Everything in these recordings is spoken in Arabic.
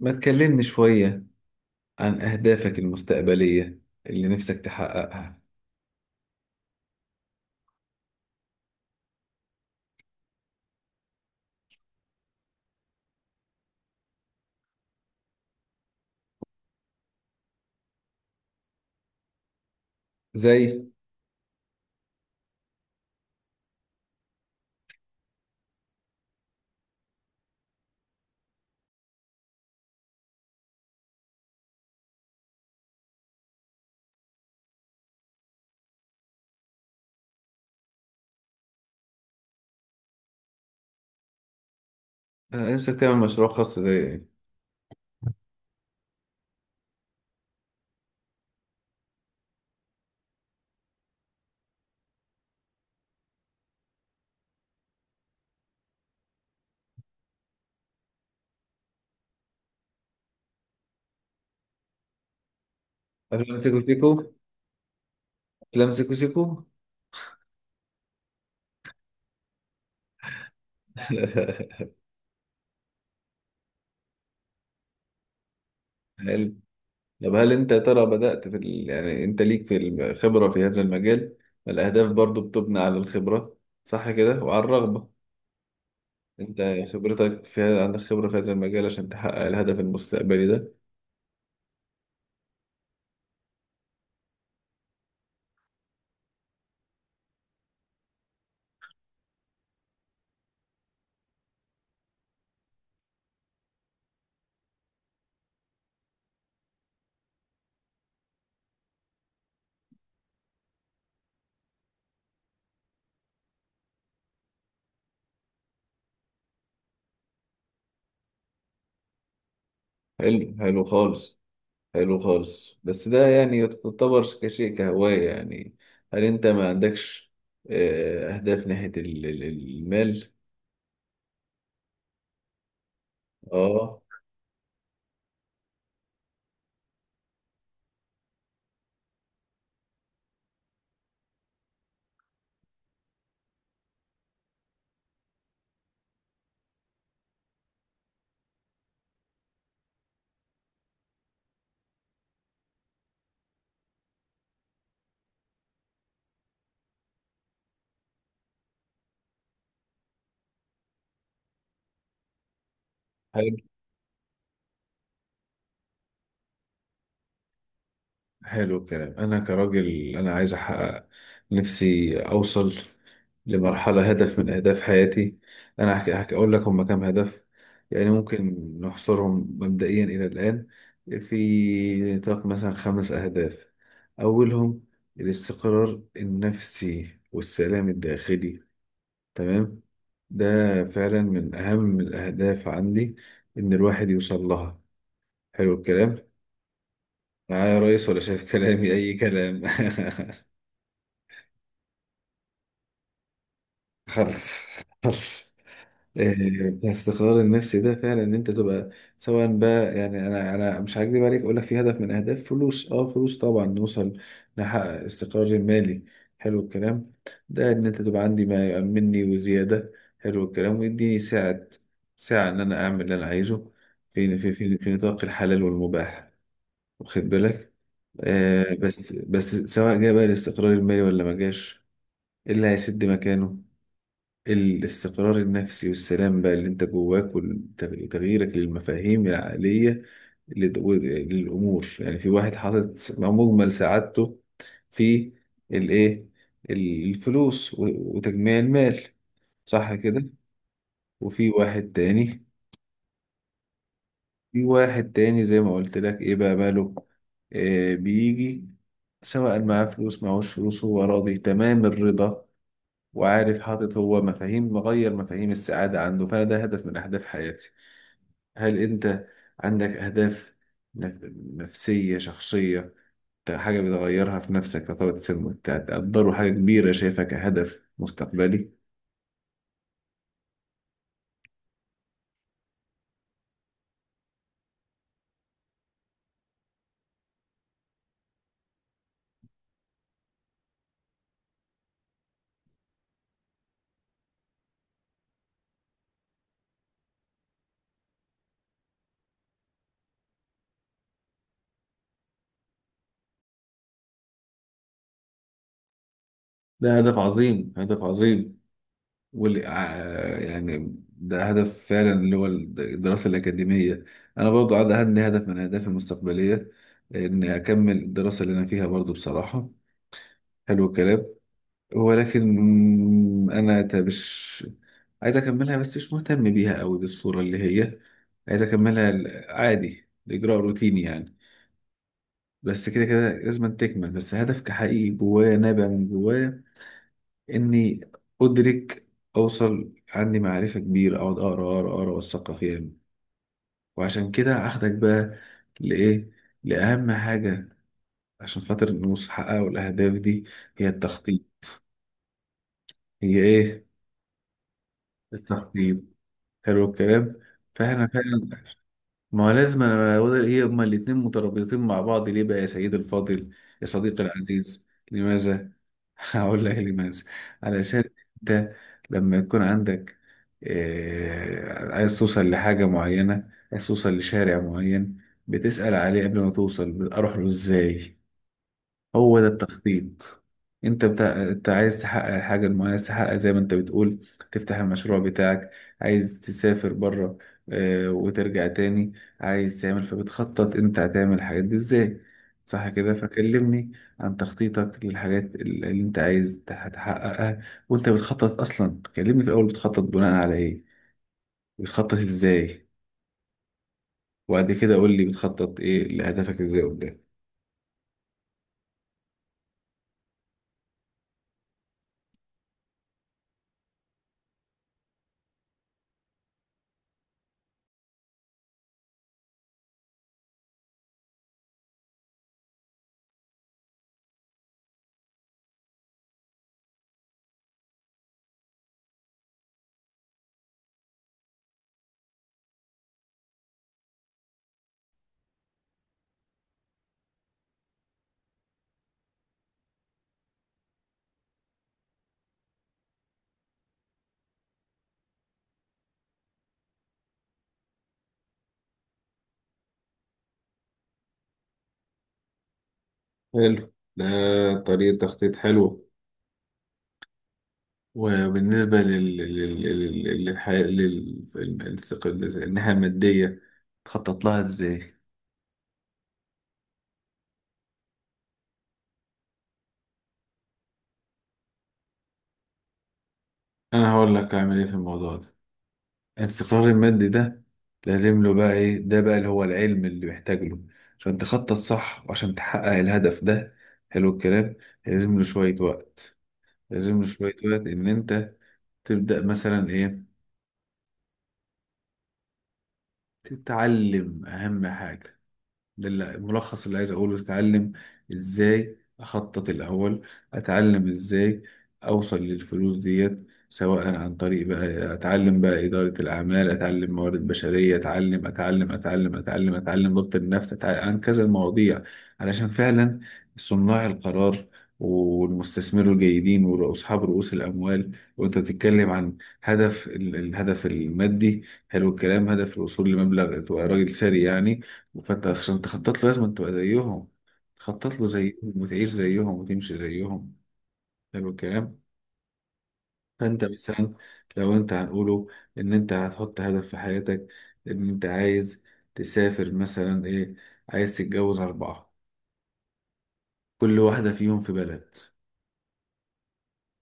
ما تكلمني شوية عن أهدافك المستقبلية اللي نفسك تحققها. زي؟ أنا نفسك تعمل مشروع خاص زي إيه؟ أفلام سيكو سيكو. أفلام سيكو سيكو. هل طب هل أنت يا ترى بدأت يعني أنت ليك في الخبرة في هذا المجال؟ الأهداف برضو بتبنى على الخبرة، صح كده، وعلى الرغبة. أنت خبرتك عندك خبرة في هذا المجال عشان تحقق الهدف المستقبلي ده؟ حلو، حلو خالص. حلو خالص، بس ده يعني يعتبر كشيء كهواية يعني. هل انت ما عندكش اهداف ناحية المال؟ اه، حاجة. حلو الكلام، انا كراجل انا عايز احقق، نفسي اوصل لمرحلة هدف من اهداف حياتي. انا هحكي اقول لك هم كام هدف، يعني ممكن نحصرهم مبدئيا الى الان في نطاق مثلا خمس اهداف. اولهم الاستقرار النفسي والسلام الداخلي، تمام. ده فعلا من اهم الاهداف عندي، ان الواحد يوصل لها. حلو الكلام، معايا يا ريس ولا شايف كلامي اي كلام؟ خلص، خلص. إيه، بس القرار النفسي ده فعلا ان انت تبقى، سواء بقى يعني انا مش هكدب عليك، اقول لك في هدف من اهداف فلوس. اه فلوس طبعا، نوصل نحقق استقرار مالي، حلو الكلام. ده ان انت تبقى عندي ما يأمنني وزيادة، حلو الكلام، ويديني ساعة، ساعة ان انا اعمل اللي انا عايزه في نطاق الحلال والمباح، واخد بالك. آه، بس سواء جه بقى الاستقرار المالي ولا ما جاش، إيه اللي هيسد مكانه؟ الاستقرار النفسي والسلام بقى اللي انت جواك، وتغييرك للمفاهيم العقلية للأمور. يعني في واحد حاطط مجمل سعادته في الإيه، الفلوس وتجميع المال، صح كده؟ وفي واحد تاني، في واحد تاني زي ما قلت لك إيه بقى ماله، آه بيجي سواء معاه فلوس معهوش فلوس هو راضي تمام الرضا، وعارف حاطط هو مفاهيم، مغير مفاهيم السعادة عنده. فأنا ده هدف من أهداف حياتي. هل أنت عندك أهداف نف- نفسية شخصية، حاجة بتغيرها في نفسك كطبقة سن، تقدره حاجة كبيرة شايفها كهدف مستقبلي؟ ده هدف عظيم، هدف عظيم، يعني ده هدف فعلا اللي هو الدراسة الأكاديمية. أنا برضو عندي هدف من أهدافي المستقبلية، إن أكمل الدراسة اللي أنا فيها برضو بصراحة، حلو الكلام. ولكن انا مش عايز اكملها، بس مش مهتم بيها قوي بالصورة اللي هي عايز اكملها عادي، الاجراء روتيني يعني، بس كده كده لازم تكمل. بس هدف كحقيقي جوايا نابع من جوايا، اني ادرك، اوصل عندي معرفة كبيرة، اقعد اقرا اقرا اقرا اوثقها فيها. وعشان كده اخدك بقى لايه؟ لاهم حاجة، عشان خاطر نوصل نحقق الاهداف دي، هي التخطيط. هي ايه؟ التخطيط، حلو الكلام، فاحنا فعلا. ما هو لازم، أنا هو ده- هي هما الاتنين مترابطين مع بعض. ليه بقى يا سيد الفاضل، يا صديقي العزيز، لماذا؟ هقول لك لماذا. علشان انت لما يكون عندك آه عايز توصل لحاجة معينة، عايز توصل لشارع معين، بتسأل عليه قبل ما توصل، اروح له ازاي، هو ده التخطيط. انت عايز تحقق الحاجه المعينه، عايز تحقق زي ما انت بتقول، تفتح المشروع بتاعك، عايز تسافر بره اه... وترجع تاني، عايز تعمل. فبتخطط انت هتعمل الحاجات دي ازاي، صح كده؟ فكلمني عن تخطيطك للحاجات اللي انت عايز تحققها. وانت بتخطط اصلا، كلمني في الاول بتخطط بناء على ايه، بتخطط ازاي، وبعد كده قول لي بتخطط ايه لهدفك ازاي قدام. حلو ده، طريقة تخطيط حلوة. وبالنسبة للحياة الناحية المادية، تخطط لها ازاي؟ أنا هقول لك أعمل إيه في الموضوع ده. الاستقرار المادي ده لازم له بقى إيه؟ ده بقى اللي هو العلم اللي محتاج له عشان تخطط صح وعشان تحقق الهدف ده، حلو الكلام. لازم له شوية وقت، لازم له شوية وقت، إن أنت تبدأ مثلا إيه، تتعلم أهم حاجة. ده الملخص اللي عايز اقوله، اتعلم ازاي اخطط الاول، اتعلم ازاي اوصل للفلوس ديت، سواء عن طريق بقى اتعلم بقى اداره الاعمال، اتعلم موارد بشريه، اتعلم ضبط النفس، اتعلم عن كذا المواضيع، علشان فعلا صناع القرار والمستثمرين الجيدين واصحاب رؤوس الاموال. وانت بتتكلم عن هدف الهدف المادي، حلو الكلام، هدف الوصول لمبلغ، تبقى راجل ثري يعني. فانت عشان تخطط له لازم تبقى زيهم، تخطط له زيهم وتعيش زيهم وتمشي زيهم، حلو الكلام. فانت مثلا لو انت هنقوله ان انت هتحط هدف في حياتك، ان انت عايز تسافر مثلا ايه، عايز تتجوز اربعة، كل واحدة فيهم في بلد،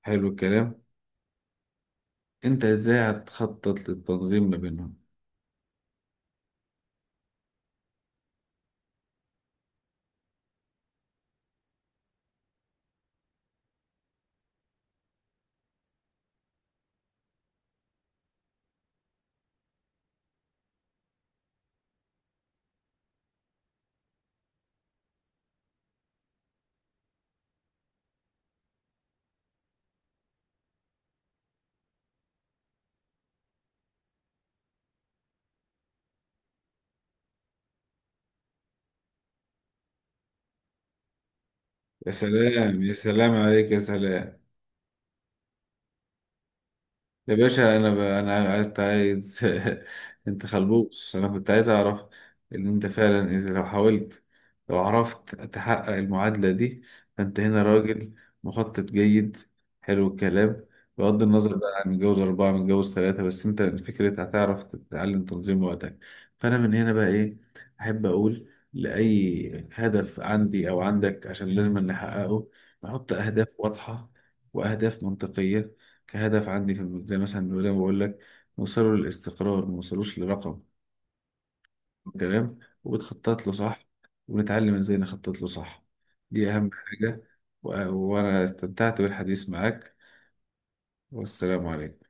حلو الكلام. انت ازاي هتخطط للتنظيم ما بينهم؟ يا سلام، يا سلام عليك، يا سلام. يا باشا، انا كنت عايز. انت خلبوس، انا كنت عايز اعرف ان انت فعلا اذا لو حاولت، لو عرفت تحقق المعادلة دي، فانت هنا راجل مخطط جيد، حلو الكلام. بغض النظر بقى عن متجوز أربعة متجوز ثلاثة، بس أنت فكرة هتعرف تتعلم تنظيم وقتك. فأنا من هنا بقى إيه، أحب أقول لأي هدف عندي أو عندك عشان لازم نحققه، نحط أهداف واضحة وأهداف منطقية. كهدف عندي كان زي مثلا زي ما بقول لك، نوصله للاستقرار، ما نوصلوش لرقم كلام، وبتخطط له صح، ونتعلم ازاي نخطط له صح، دي اهم حاجة. وانا استمتعت بالحديث معاك، والسلام عليكم.